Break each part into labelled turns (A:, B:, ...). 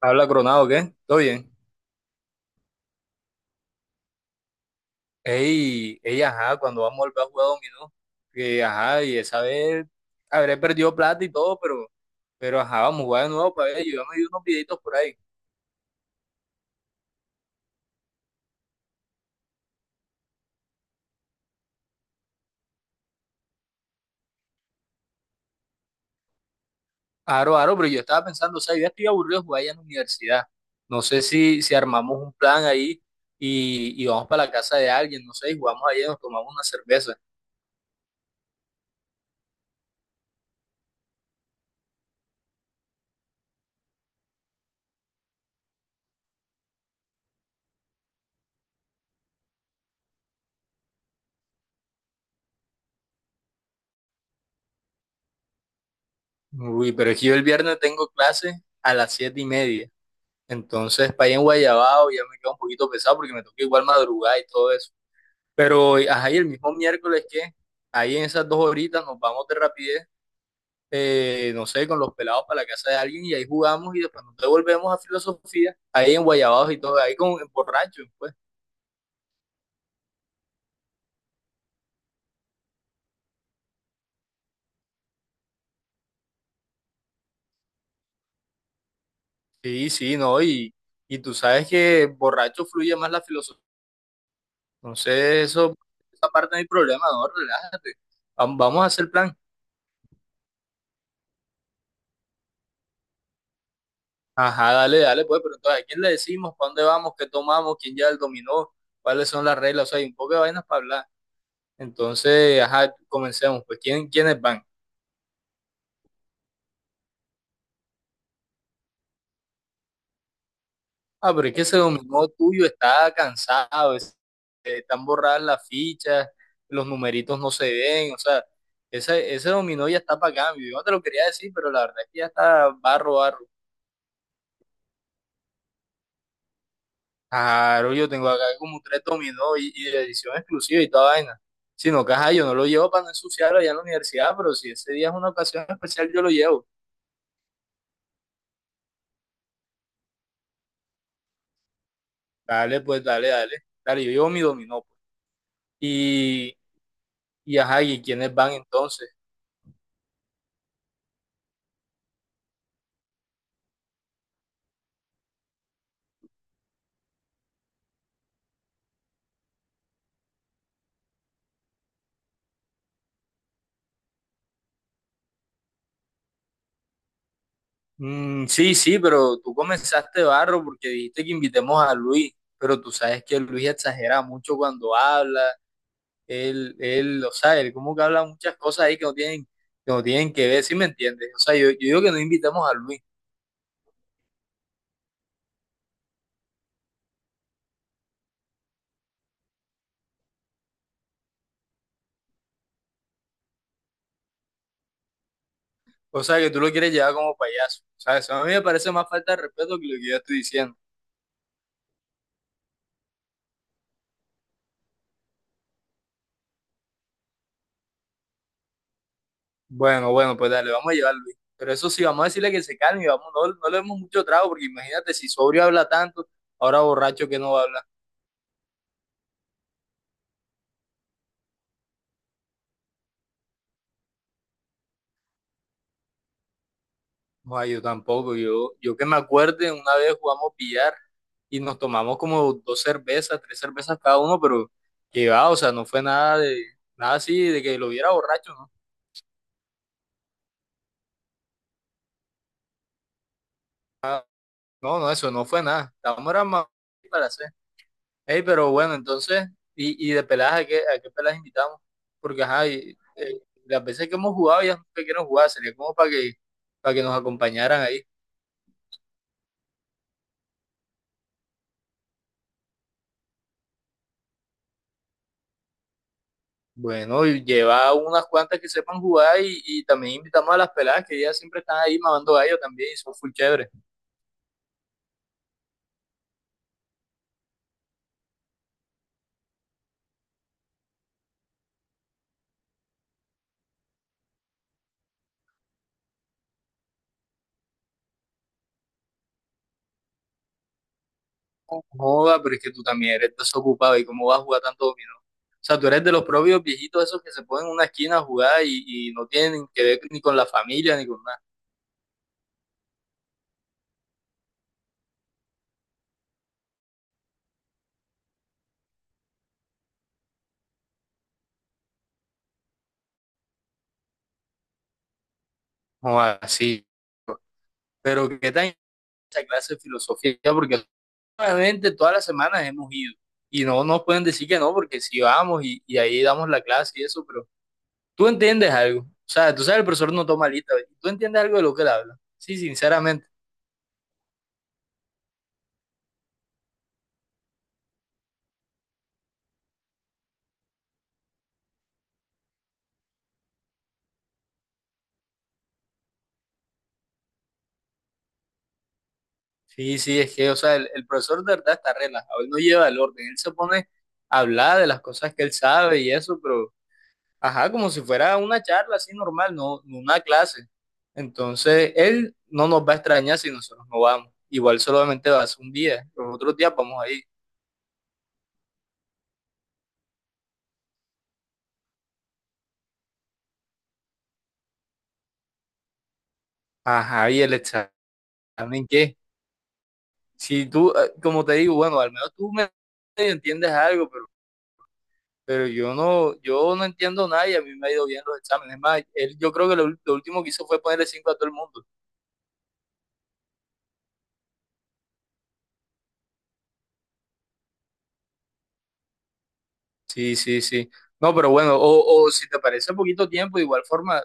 A: Habla Coronado, ¿qué? ¿Todo bien? Ey, ey, ajá, cuando vamos a volver a jugar dominó, que ajá, y esa vez habré perdido plata y todo, pero ajá, vamos a jugar de nuevo para ver, yo ya me vi unos videitos por ahí. Aro, aro, pero yo estaba pensando, o sea, yo ya estoy aburrido de jugar allá en la universidad. No sé si armamos un plan ahí y vamos para la casa de alguien, no sé, y jugamos allá y nos tomamos una cerveza. Uy, pero es que yo el viernes tengo clase a las 7:30. Entonces, para allá en Guayabao ya me queda un poquito pesado porque me toca igual madrugar y todo eso. Pero, ajá, y el mismo miércoles que ahí en esas dos horitas nos vamos de rapidez, no sé, con los pelados para la casa de alguien y ahí jugamos y después nos devolvemos a filosofía, ahí en Guayabados y todo, ahí con en borracho, pues. Sí, sí, no, y tú sabes que borracho fluye más la filosofía. Entonces, eso, esa parte no hay problema, no, relájate. Vamos a hacer plan. Ajá, dale, dale, pues, pero entonces, ¿a quién le decimos? ¿Para dónde vamos? ¿Qué tomamos? ¿Quién ya el dominó? ¿Cuáles son las reglas? O sea, hay un poco de vainas para hablar. Entonces, ajá, comencemos. Pues, ¿quiénes van? Ah, pero es que ese dominó tuyo está cansado, están borradas las fichas, los numeritos no se ven, o sea, ese dominó ya está para cambio. Yo no te lo quería decir, pero la verdad es que ya está barro, barro. Claro, yo tengo acá como tres dominó y de edición exclusiva y toda vaina. Si no, caja, yo no lo llevo para no ensuciarlo allá en la universidad, pero si ese día es una ocasión especial, yo lo llevo. Dale, pues, dale, dale. Dale, yo llevo mi dominó pues. Y ajá, ¿y quiénes van entonces? Mm, sí, sí, pero tú comenzaste barro porque dijiste que invitemos a Luis, pero tú sabes que Luis exagera mucho cuando habla, él, o sea, él como que habla muchas cosas ahí que no tienen que ver, ¿sí me entiendes? O sea, yo digo que no invitemos a Luis, o sea, que tú lo quieres llevar como payaso, o sea, eso a mí me parece más falta de respeto que lo que yo estoy diciendo. Bueno, bueno, pues dale, vamos a llevar a Luis, pero eso sí, vamos a decirle que se calme y vamos, no, no le demos mucho trago porque imagínate si sobrio habla tanto, ahora borracho que no va a hablar. No, yo tampoco. Yo que me acuerde, una vez jugamos billar y nos tomamos como dos cervezas, tres cervezas cada uno, pero que va, o sea, no fue nada de, nada así de que lo viera borracho, ¿no? No, no, eso no fue nada. Estábamos era más para hacer. Ey, pero bueno, entonces, y de peladas, ¿a qué peladas invitamos? Porque ajá, y, las veces que hemos jugado ya no sé qué jugar, sería como para que nos acompañaran ahí. Bueno, y lleva unas cuantas que sepan jugar y también invitamos a las peladas que ellas siempre están ahí mamando gallo también y son full chéveres. Joda, pero es que tú también eres desocupado y cómo vas a jugar tanto dominó. O sea, tú eres de los propios viejitos esos que se ponen en una esquina a jugar y no tienen que ver ni con la familia ni con nada. Joda, sí. Pero qué tan esa clase de filosofía, porque realmente todas las semanas hemos ido y no nos pueden decir que no, porque si vamos y ahí damos la clase y eso, pero tú entiendes algo. O sea, tú sabes, el profesor no toma lista, ¿ve? Tú entiendes algo de lo que él habla. Sí, sinceramente. Sí, sí, es que, o sea, el profesor de verdad está relajado, él no lleva el orden, él se pone a hablar de las cosas que él sabe y eso, pero, ajá, como si fuera una charla así normal, no, no una clase. Entonces, él no nos va a extrañar si nosotros no vamos. Igual solamente va a ser un día, los otros días vamos ahí. Ajá, ¿y el examen qué? Si tú, como te digo, bueno, al menos tú me entiendes algo, pero yo no, yo no entiendo nada y a mí me ha ido bien los exámenes. Es más, él, yo creo que lo último que hizo fue ponerle cinco a todo el mundo. Sí, sí, sí. No, pero bueno, o si te parece poquito tiempo, de igual forma,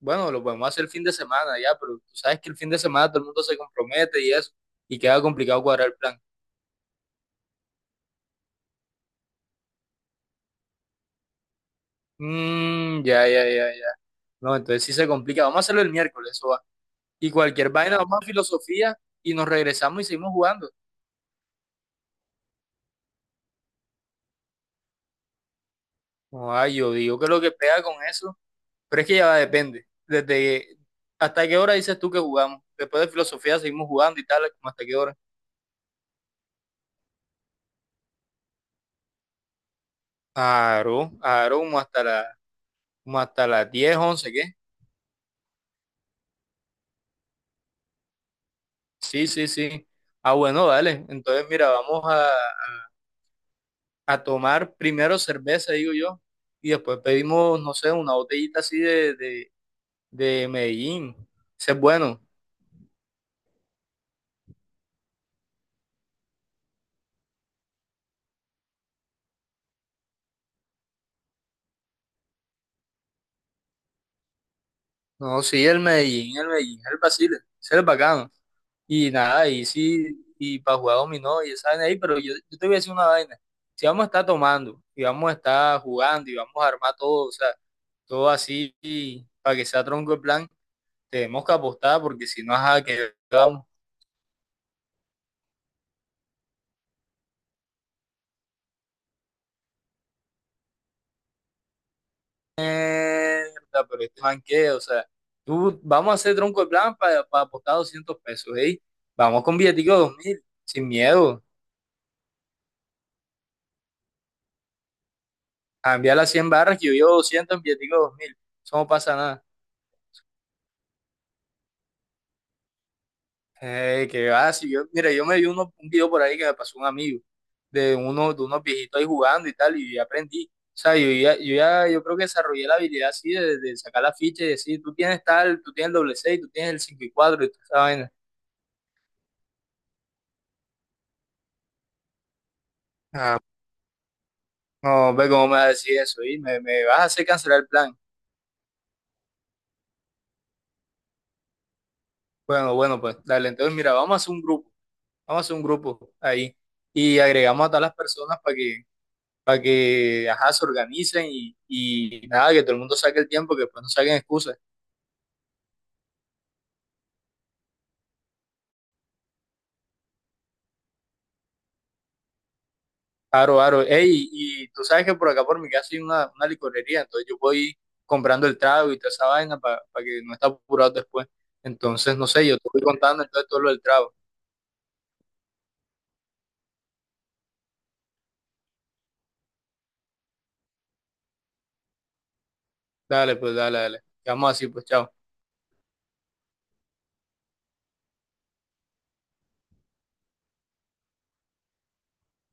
A: bueno, lo podemos hacer el fin de semana ya, pero tú sabes que el fin de semana todo el mundo se compromete y eso, y queda complicado cuadrar el plan. Mm, ya, ya, ya, ya. No, entonces sí se complica. Vamos a hacerlo el miércoles, eso va. Y cualquier vaina, vamos a filosofía y nos regresamos y seguimos jugando. Ay, yo digo que lo que pega con eso. Pero es que ya va, depende. Desde hasta qué hora dices tú que jugamos. Después de filosofía seguimos jugando y tal, como hasta qué hora. Claro, claro, como hasta las 10 11 ¿qué? Sí, sí, sí. Ah, bueno, dale. Entonces, mira, vamos a tomar primero cerveza, digo yo, y después pedimos, no sé, una botellita así de Medellín. Ese es bueno. No, sí, el Medellín, el Medellín, el Basile, ese es el bacano. Y nada, y sí, y para jugar dominó y esa vaina ahí, pero yo te voy a decir una vaina. Si vamos a estar tomando, y vamos a estar jugando, y vamos a armar todo, o sea, todo así, y para que sea tronco el plan, tenemos que apostar, porque si no, ajá, que vamos, mierda, pero este man qué, o sea, tú, vamos a hacer tronco el plan para apostar 200 pesos, ¿eh? Vamos con billetico de 2000 sin miedo, a enviar las 100 barras que yo llevo 200 en billetico de 2000, eso no pasa nada. Ey, qué va, si yo, mira, yo me vi un video por ahí que me pasó un amigo de uno, de unos viejitos ahí jugando y tal, y aprendí. O sea, yo creo que desarrollé la habilidad así de sacar la ficha y decir, tú tienes tal, tú tienes el doble seis, tú tienes el 5 y 4 y toda esa vaina. Ah, no, ve cómo me vas a decir eso, y me vas a hacer cancelar el plan. Bueno, bueno, pues dale, entonces mira, vamos a hacer un grupo, vamos a hacer un grupo ahí y agregamos a todas las personas para que, ajá, se organicen y nada, que todo el mundo saque el tiempo, que después no saquen excusas. Aro, aro. Ey, y tú sabes que por acá por mi casa hay una licorería, entonces yo voy comprando el trago y toda esa vaina para que no esté apurado después. Entonces, no sé, yo te voy contando entonces todo lo del trago. Dale, pues, dale, dale. Quedamos así, pues, chao.